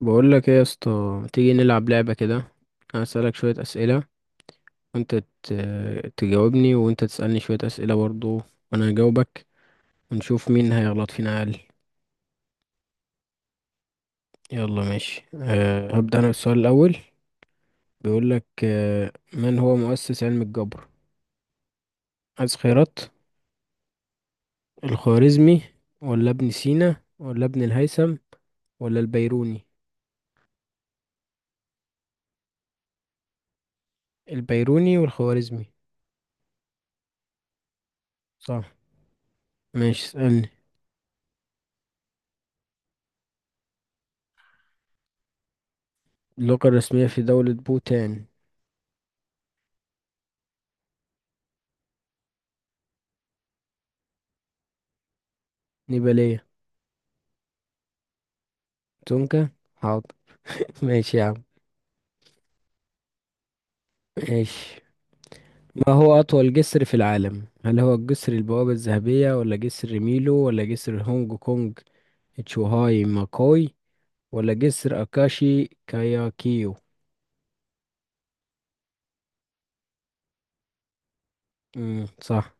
بقول لك ايه يا اسطى، ما تيجي نلعب لعبة كده. انا اسالك شوية اسئلة وانت تجاوبني، وانت تسالني شوية اسئلة برضو وانا هجاوبك ونشوف مين هيغلط فينا اقل. يلا ماشي، هبدأ انا بالسؤال الاول. بيقول لك من هو مؤسس علم الجبر؟ عايز خيارات؟ الخوارزمي ولا ابن سينا ولا ابن الهيثم ولا البيروني؟ البيروني والخوارزمي. صح. ماشي، اسالني. اللغة الرسمية في دولة بوتان؟ نيبالية. تونكا. حاضر. ماشي يا عم. ماشي. ما هو أطول جسر في العالم؟ هل هو الجسر البوابة الذهبية ولا جسر ميلو ولا جسر هونج كونج تشوهاي ماكوي ولا جسر أكاشي كاياكيو؟ صح.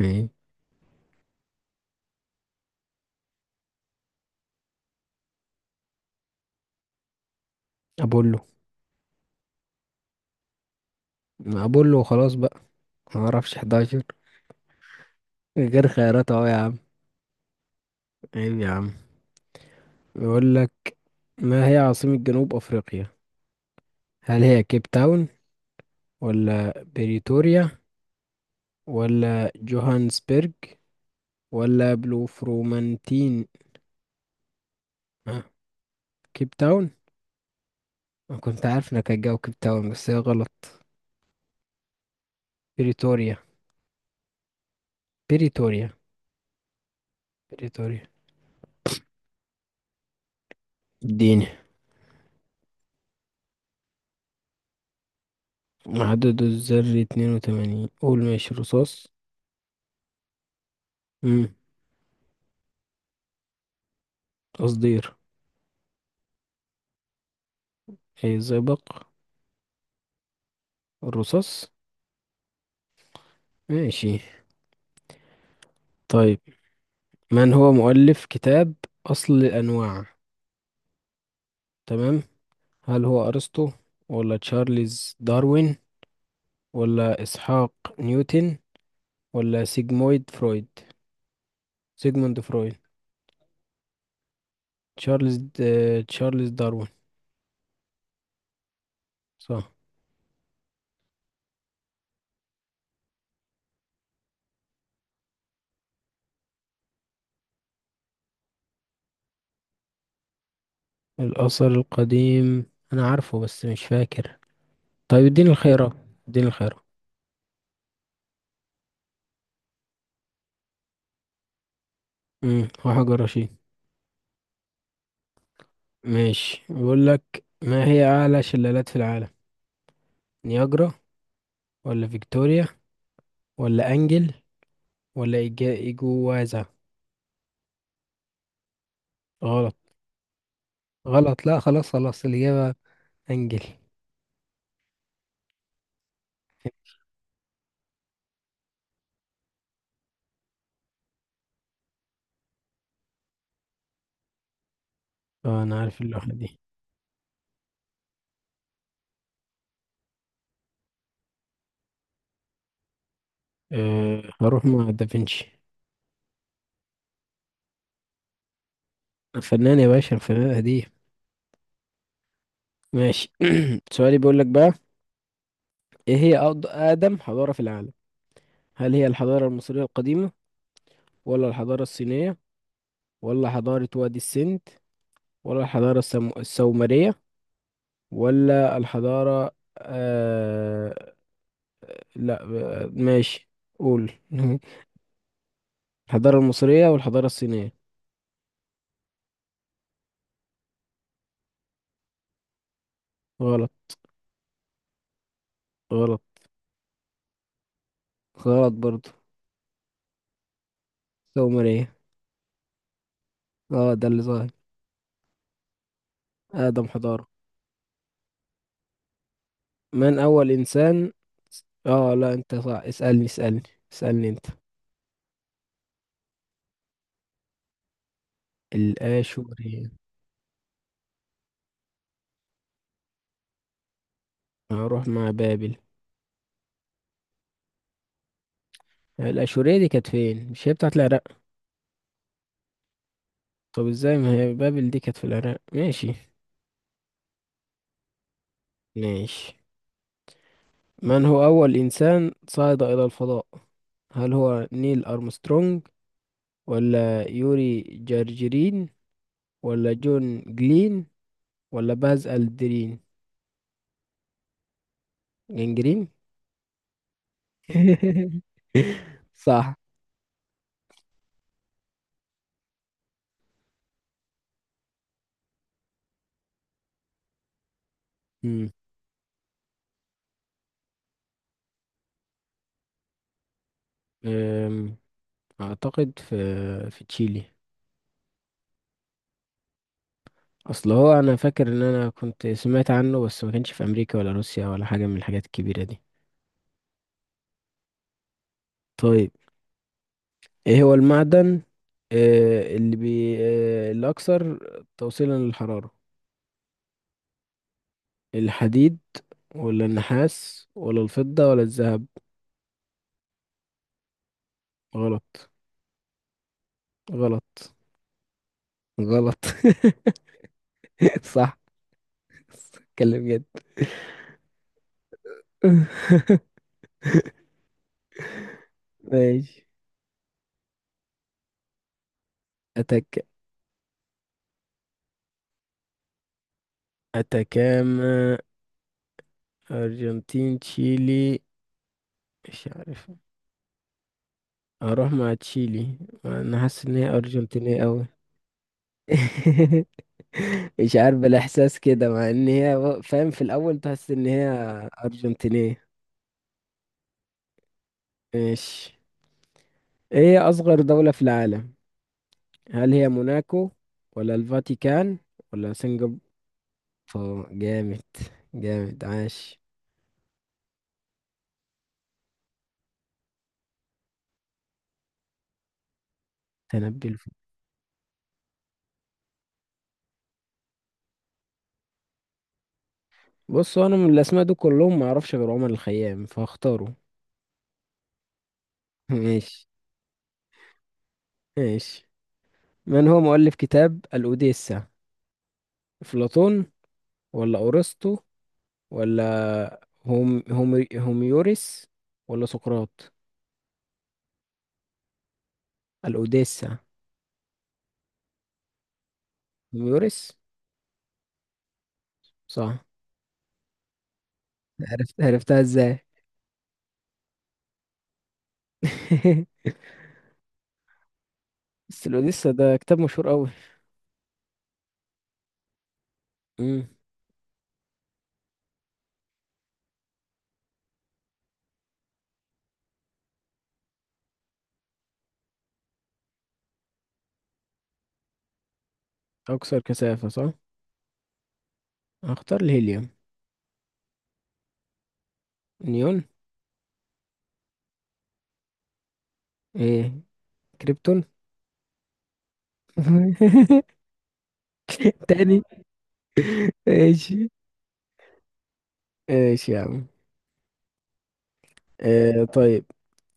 ايه؟ أبولو. أبولو خلاص بقى. ما أعرفش 11. غير خيارات أهو يا عم. عيب يا عم. يقول لك: ما هي عاصمة جنوب أفريقيا؟ هل هي كيب تاون ولا بريتوريا ولا جوهانسبرج ولا بلوفرومانتين؟ آه، كيب تاون. أنا كنت عارف انك هتجاوب كيب تاون، بس هي غلط. بريتوريا. بريتوريا. بريتوريا. اديني. عدد الذري 82. قول ماشي، رصاص. امم قصدير. اي، زئبق. الرصاص. ماشي. طيب، من هو مؤلف كتاب أصل الأنواع؟ تمام. هل هو أرسطو ولا تشارلز داروين ولا إسحاق نيوتن ولا سيجمويد فرويد، سيجموند فرويد؟ تشارلز د... تشارلز داروين. صح. الأثر القديم. أنا عارفه بس مش فاكر. طيب اديني الخيارات. اديني الخيارات. وحجر رشيد. ماشي. بيقول لك: ما هي أعلى شلالات في العالم؟ نياجرا ولا فيكتوريا ولا أنجل ولا إيجوازا؟ غلط. غلط لا، خلاص خلاص، الإجابة أنجل. اه أنا عارف اللوحة دي. أه هروح مع دافنشي. فنان يا باشا، الفنان قديم. ماشي سؤالي بيقول لك بقى: إيه هي أقدم حضارة في العالم؟ هل هي الحضارة المصرية القديمة ولا الحضارة الصينية ولا حضارة وادي السند ولا السومرية ولا الحضارة آه... لا آه، ماشي قول الحضارة المصرية والحضارة الصينية. غلط. غلط. غلط برضو. السومرية. اه ده اللي ظاهر. أقدم حضارة. من أول إنسان. اه لا انت صح، اسألني اسألني اسألني انت. الآشورية. هروح مع بابل. الآشورية دي كانت فين، مش هي بتاعت العراق؟ طب ازاي، ما هي بابل دي كانت في العراق. ماشي. ماشي، من هو أول إنسان صعد إلى الفضاء؟ هل هو نيل أرمسترونج ولا يوري جارجرين ولا جون جلين ولا باز ألدرين؟ جنجرين. صح. مم. أم، أعتقد في، في تشيلي. أصل هو أنا فاكر إن أنا كنت سمعت عنه، بس ما كانش في أمريكا ولا روسيا ولا حاجة من الحاجات الكبيرة دي. طيب، ايه هو المعدن آه، اللي بي آه، الأكثر توصيلا للحرارة؟ الحديد ولا النحاس ولا الفضة ولا الذهب؟ غلط. غلط. غلط. صح. اتكلم جد. ماشي. أتك أتكاما. أرجنتين، تشيلي، مش عارف. هروح مع تشيلي. أنا حاسس إن هي أرجنتينية أوي. مش عارف، الاحساس كده مع ان هي فاهم؟ في الاول تحس ان هي ارجنتينية. ماشي، ايه اصغر دولة في العالم؟ هل هي موناكو ولا الفاتيكان ولا سنغافورة؟ جامد. جامد، عاش. تنبي الف بص، هو انا من الاسماء دول كلهم ما اعرفش غير عمر الخيام، فاختاره. ماشي. ماشي، من هو مؤلف كتاب الاوديسة؟ افلاطون ولا ارسطو ولا هوميوريس ولا سقراط؟ الأوديسا. ميوريس. صح. عرفت، عرفتها ازاي؟ بس الأوديسا ده كتاب مشهور قوي. امم أكثر كثافة، صح. هختار الهيليوم. نيون. ايه؟ كريبتون. تاني. ماشي. ماشي يا عم. طيب،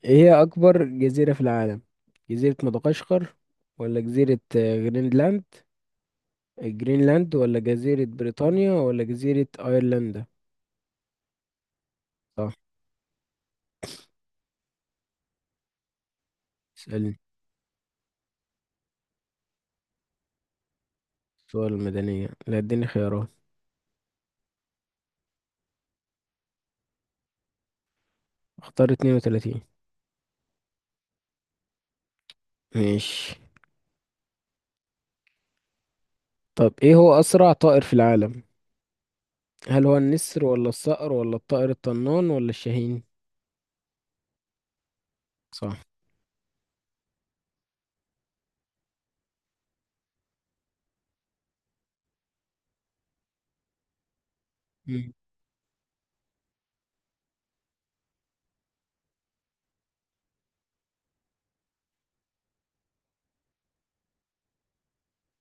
ايه هي أكبر جزيرة في العالم؟ جزيرة مدغشقر ولا جزيرة جرينلاند، جرينلاند ولا جزيرة بريطانيا ولا جزيرة أيرلندا؟ صح. اسألني. الصور المدنية؟ لا، اديني خيارات. اختار 32. ماشي. طب ايه هو اسرع طائر في العالم؟ هل هو النسر ولا الصقر ولا الطائر الطنان ولا الشاهين؟ صح. مم.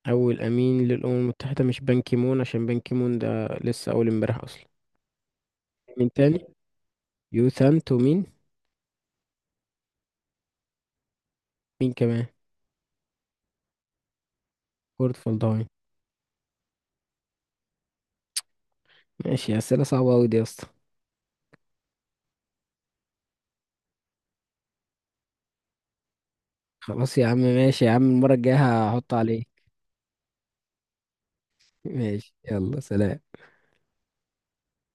اول امين للامم المتحده مش بان كيمون، عشان بان كيمون ده لسه اول امبارح اصلا. مين تاني؟ يو ثانت ومين، مين، مين كمان؟ كورت فالداين. ماشي، اسئله صعبه قوي دي يا اسطى. خلاص يا عم، ماشي يا عم، المره الجايه هحط عليك. ماشي، يلا سلام.